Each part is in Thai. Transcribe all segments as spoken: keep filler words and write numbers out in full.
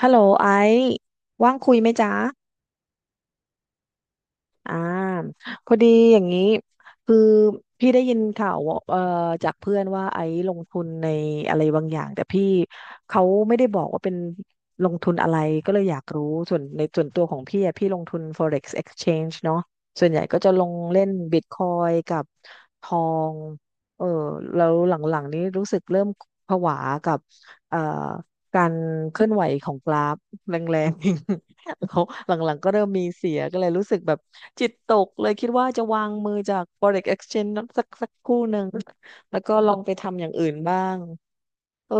ฮัลโหลไอซ์ว่างคุยไหมจ๊ะอ่าพอดีอย่างนี้คือพี่ได้ยินข่าวว่าเอ่อจากเพื่อนว่าไอซ์ลงทุนในอะไรบางอย่างแต่พี่เขาไม่ได้บอกว่าเป็นลงทุนอะไรก็เลยอยากรู้ส่วนในส่วนตัวของพี่อะพี่ลงทุน Forex Exchange เนาะส่วนใหญ่ก็จะลงเล่น Bitcoin กับทองเออแล้วหลังๆนี้รู้สึกเริ่มผวากับเอ่อการเคลื่อนไหวของกราฟแรงๆ เขาหลังๆก็เริ่มมีเสียก็เลยรู้สึกแบบจิตตกเลยคิดว่าจะวางมือจาก Forex Exchange นั้นสักสักคู่หนึ่งแล้วก็ลองไปทำอย่างอื่นบ้างเออ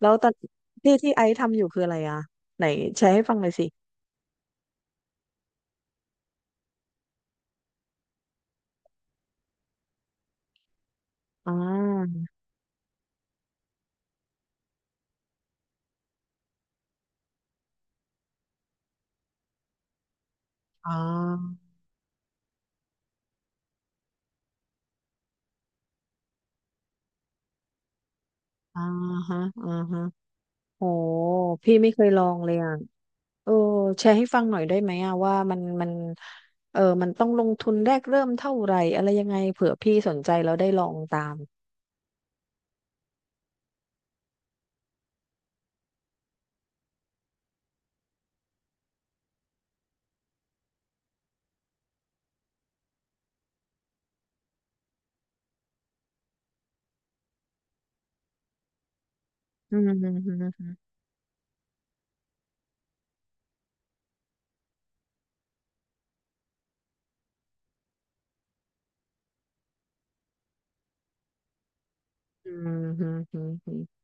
แล้วตอนที่ที่ไอซ์ทำอยู่คืออะไรอ่ะไหนแชร์ให้ฟังหน่อยสิอ่าอ่าอ่าฮะอ่าฮะโหพี่ไม่เคยลองเลยอ่ะเออแชร์ให้ฟังหน่อยได้ไหมอ่ะว่ามันมันเออมันต้องลงทุนแรกเริ่มเท่าไหร่อะไรยังไงเผื่อพี่สนใจแล้วได้ลองตามอืม อืมฮึฮึฮึ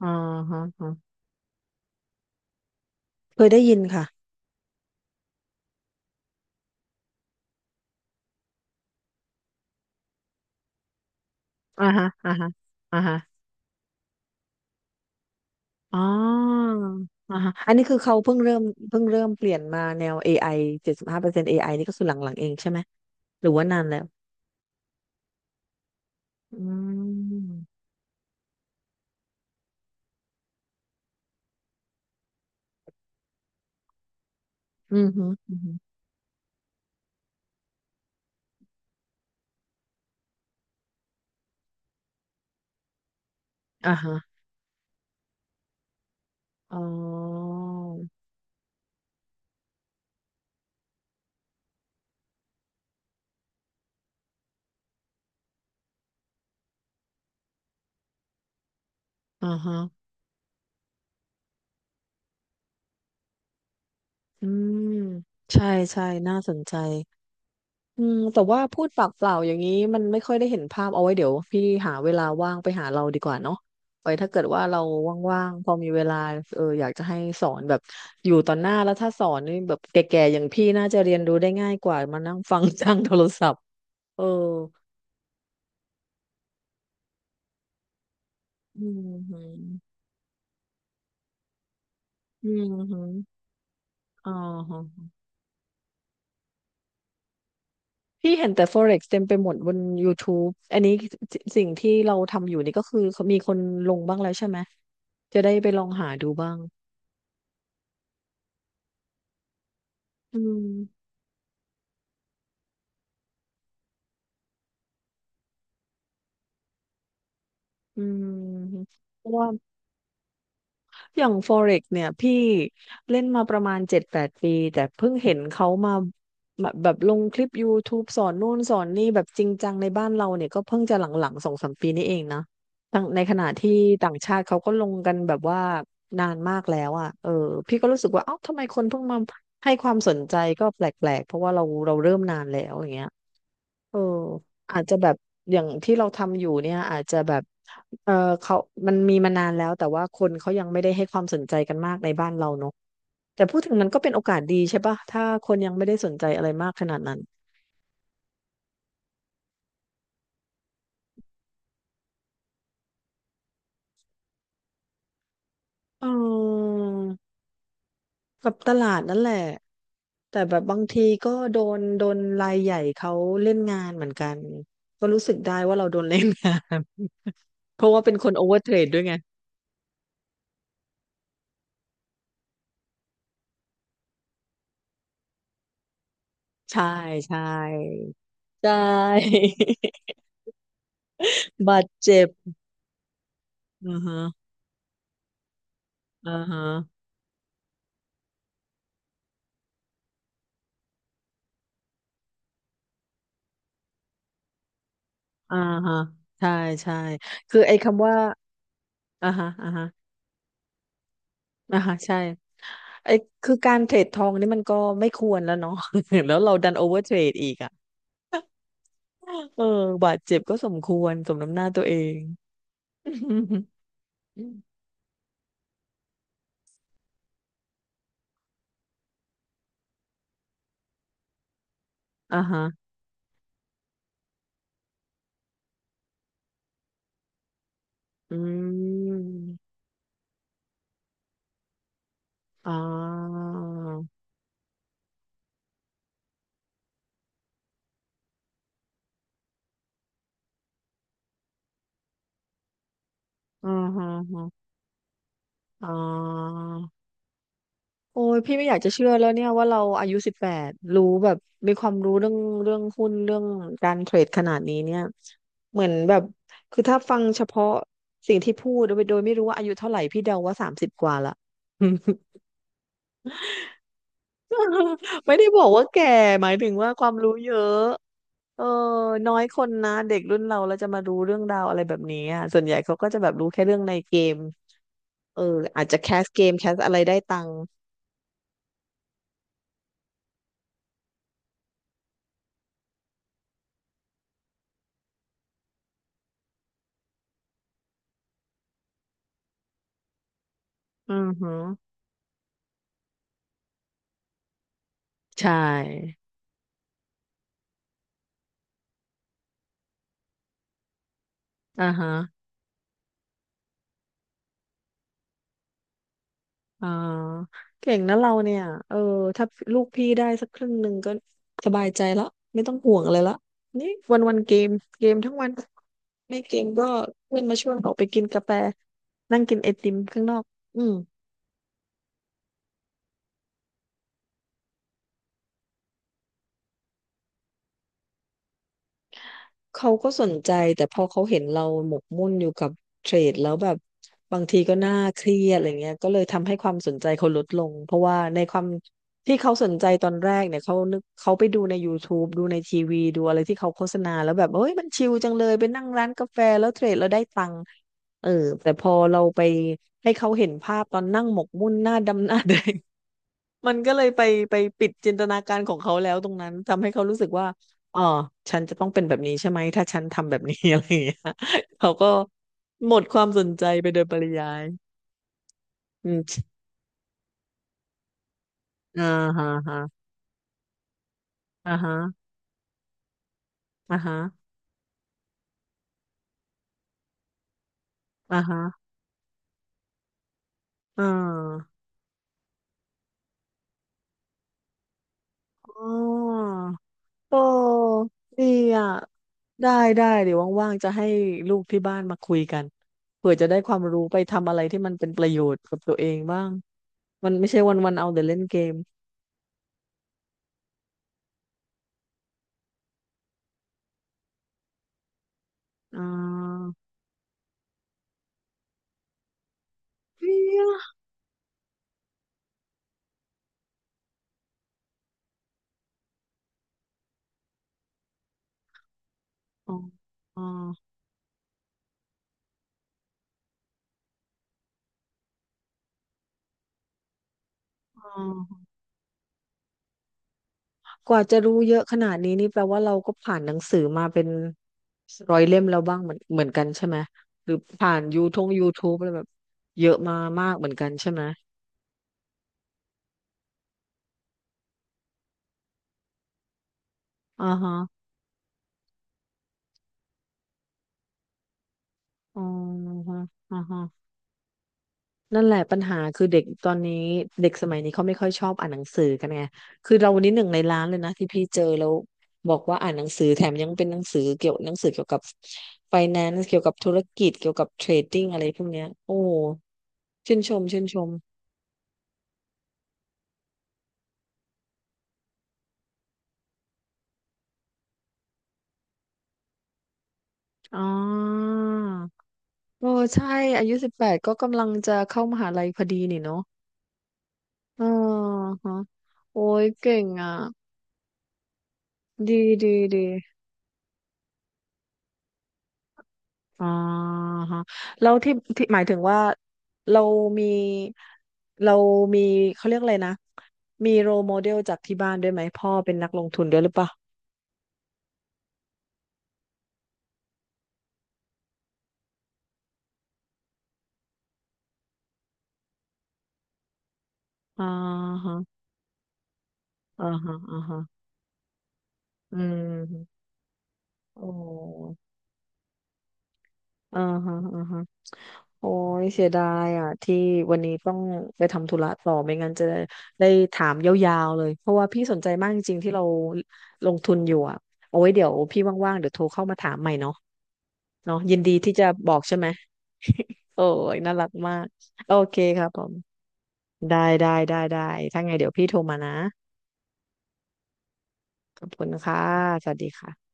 อ๋อฮะฮะเคยได้ยินค่ะอ่าฮะอ่าฮะอ่าฮะอ๋ออ่าฮะอันนี้คือเขาเพิ่งเริ่มเพิ่งเริ่มเปลี่ยนมาแนว เอ ไอ เจ็ดสิบห้าเปอร์เซ็นต์ เอ ไอ นต์เอไอนี่ก็คือหลังๆเองใช่ไหมหรือว่านานแล้วอืมอืมฮึอืมฮึอ่าฮะอ๋ออ่าฮะอืมใช่ใช่น่าสนใจ อืมแต่ว่าพูดปากเปล่าอย่างนี้มันไม่ค่อยได้เห็นภาพเอาไว้เดี๋ยวพี่หาเวลาว่างไปหาเราดีกว่าเนาะไว้ถ้าเกิดว่าเราว่างๆพอมีเวลาเอออยากจะให้สอนแบบอยู่ต่อหน้าแล้วถ้าสอนนี่แบบแก่ๆอย่างพี่น่าจะเรียนรู้ได้ง่ายกว่ามานั่งฟัง ทางโทรศัพท์เอออืมฮึอืมฮึอ๋อฮะพี่เห็นแต่ Forex เต็มไปหมดบน YouTube อันนี้สิสิ่งที่เราทำอยู่นี่ก็คือมีคนลงบ้างแล้วใช่ไหมจะได้ไปลองหาดูบ้างอืม อืมเพราะว่าอย่าง Forex เนี่ยพี่เล่นมาประมาณเจ็ดแปดปีแต่เพิ่งเห็นเขามาแบบแบบลงคลิป YouTube สอนนู่นสอนนี่แบบจริงจังในบ้านเราเนี่ยก็เพิ่งจะหลังๆสองสามปีนี้เองนะต่างในขณะที่ต่างชาติเขาก็ลงกันแบบว่านานมากแล้วอ่ะเออพี่ก็รู้สึกว่าเอ้าทำไมคนเพิ่งมาให้ความสนใจก็แปลกๆเพราะว่าเราเราเริ่มนานแล้วอย่างเงี้ย เอออาจจะแบบอย่างที่เราทำอยู่เนี่ยอาจจะแบบเออเขามันมีมานานแล้วแต่ว่าคนเขายังไม่ได้ให้ความสนใจกันมากในบ้านเราเนอะแต่พูดถึงมันก็เป็นโอกาสดีใช่ปะถ้าคนยังไม่ได้สนใจอะไรมากขนาดนั้นเออกับตลาดนั่นแหละแต่แบบบางทีก็โดนโดนรายใหญ่เขาเล่นงานเหมือนกันก็รู้สึกได้ว่าเราโดนเล่นงาน เพราะว่าเป็นคนโอเวอร์เทรดด้วยไงใช่ใช่ใช่ บาดเจ็บ อือฮะอ่าฮะอ่าฮะใช่ใช่คือไอ้คำว่าอ่าฮะอ่าฮะอ่าฮะใช่ไอ้คือการเทรดทองนี่มันก็ไม่ควรแล้วเนาะ แล้วเราดันโอเวอร์เทรดอีกอ่ะเออบาดเจ็บก็สมควรสมน้ำหน้าตัวเอง อ่าฮะอืมอ่าอ่าฮะอ่า โอ้ยพี่ไม่อยากจะเชื่อแล้วเนี่ยว่าเราอายุสิบแปดรู้แบบมีความรู้เรื่องเรื่องหุ้นเรื่องการเทรดขนาดนี้เนี่ยเหมือนแบบคือถ้าฟังเฉพาะสิ่งที่พูดโดยโดยไม่รู้ว่าอายุเท่าไหร่พี่เดาว่าสามสิบกว่าละ ไม่ได้บอกว่าแก่หมายถึงว่าความรู้เยอะเออน้อยคนนะเด็กรุ่นเราเราจะมารู้เรื่องราวอะไรแบบนี้อะส่วนใหญ่เขาก็จะแบบรู้แค่เรื่องในเกมเอออาจจะแคสเกมแคสอะไรได้ตังค์อือฮึใช่ อ่าฮะอ่าเก่งนะเราเนี่ยเออถ้าลูกพี่ได้สักครึ่งหนึ่งก็สบายใจละไม่ต้องห่วงอะไรละนี่วันวันเกมเกมทั้งวันไม่เกมก็เพื่อนมาชวนออกไปกินกาแฟนั่งกินไอติมข้างนอกอืม เขาก็สนใจแต่พอเขาเห็นเราหมกมุ่นอยู่กับเทรดแล้วแบบบางทีก็น่าเครียดอะไรเงี้ยก็เลยทำให้ความสนใจเขาลดลงเพราะว่าในความที่เขาสนใจตอนแรกเนี่ยเขานึกเขาไปดูในยูทูบดูในทีวีดูอะไรที่เขาโฆษณาแล้วแบบเอ้ยมันชิลจังเลยไปนั่งร้านกาแฟแล้วเทรดแล้วได้ตังค์เออแต่พอเราไปให้เขาเห็นภาพตอนนั่งหมกมุ่นหน้าดำหน้าแดง มันก็เลยไปไปปิดจินตนาการของเขาแล้วตรงนั้นทำให้เขารู้สึกว่า อ๋อฉันจะต้องเป็นแบบนี้ใช่ไหมถ้าฉันทำแบบนี้ อะไรอย่างเงี้ยเขาก็หมดความสนใจไปโดยปริยายอืมอ่าฮะฮะอ่าฮะอ่าฮะอ่าฮะอ่าอ๋อโอ้ดีอ่ะได้ได้เดี๋ยวว่างๆจะให้ลูกที่บ้านมาคุยกันเผื่อจะได้ความรู้ไปทำอะไรที่มันเป็นประโยชน์กับตัวเองบ้างมันไม่ใช่วันๆเอาแต่เล่นเกมอ่า เปรียวอ๋ออ๋ออ๋อกว่าจะรู้เยอะขนาดนี้นี่แปลว่าเราก็ผ่านหนังสือมาเป็นร้อยเล่มแล้วบ้างเหมือนเหมือนกันใช่ไหมหรือผ่านยูทง ยูทูบ อะไรแบบเยอะมามากเหมือนกันใช่ไหมอ่าฮะอ๋ออ่าฮะ นั่นแหละปัญหาคือเด็กตอนนี้เด็กสมัยนี้เขาไม่ค่อยชอบอ่านหนังสือกันไงคือเราวันนี้หนึ่งในร้านเลยนะที่พี่เจอแล้วบอกว่าอ่านหนังสือแถมยังเป็นหนังสือเกี่ยวหนังสือเกี่ยวกับ เอฟ ไอ เอ็น เอ เอ็น ซีเกี่ยวกับธุรกิจเกี่ยวกับเทรดดิ้งอะไรพวกเนี้ยโอ้โหชื่นชมชื่นชมอ๋อโอ้ใช่อายุสิบแปดก็กำลังจะเข้ามหาลัยพอดีนี่เนาะอ๋อฮะโอ้ยเก่งอ่ะดีดีดี อ่าฮะแล้วที่ที่หมายถึงว่าเรามีเรามีเขาเรียกอะไรนะมีโรโมเดลจากที่บ้านด้วยไหมพ่อเป็นนักลงทุนด้วยหรือเปล่าอ่าฮะอ่าฮะอ่าฮะอืมโอ้อ่าฮะอ่าฮะ โอ้ยเสียดายอ่ะที่วันนี้ต้องไปทำธุระต่อไม่งั้นจะได้ได้ถามยาวๆเลยเพราะว่าพี่สนใจมากจริงๆที่เราลงทุนอยู่อ่ะโอ้ยเดี๋ยวพี่ว่างๆเดี๋ยวโทรเข้ามาถามใหม่เนาะเนาะยินดีที่จะบอกใช่ไหม โอ้ยน่ารักมากโอเคครับผมได้ได้ได้ได้ถ้าไงเดี๋ยวพี่โทรมานะขอบคุณค่ะสวัสดีค่ะ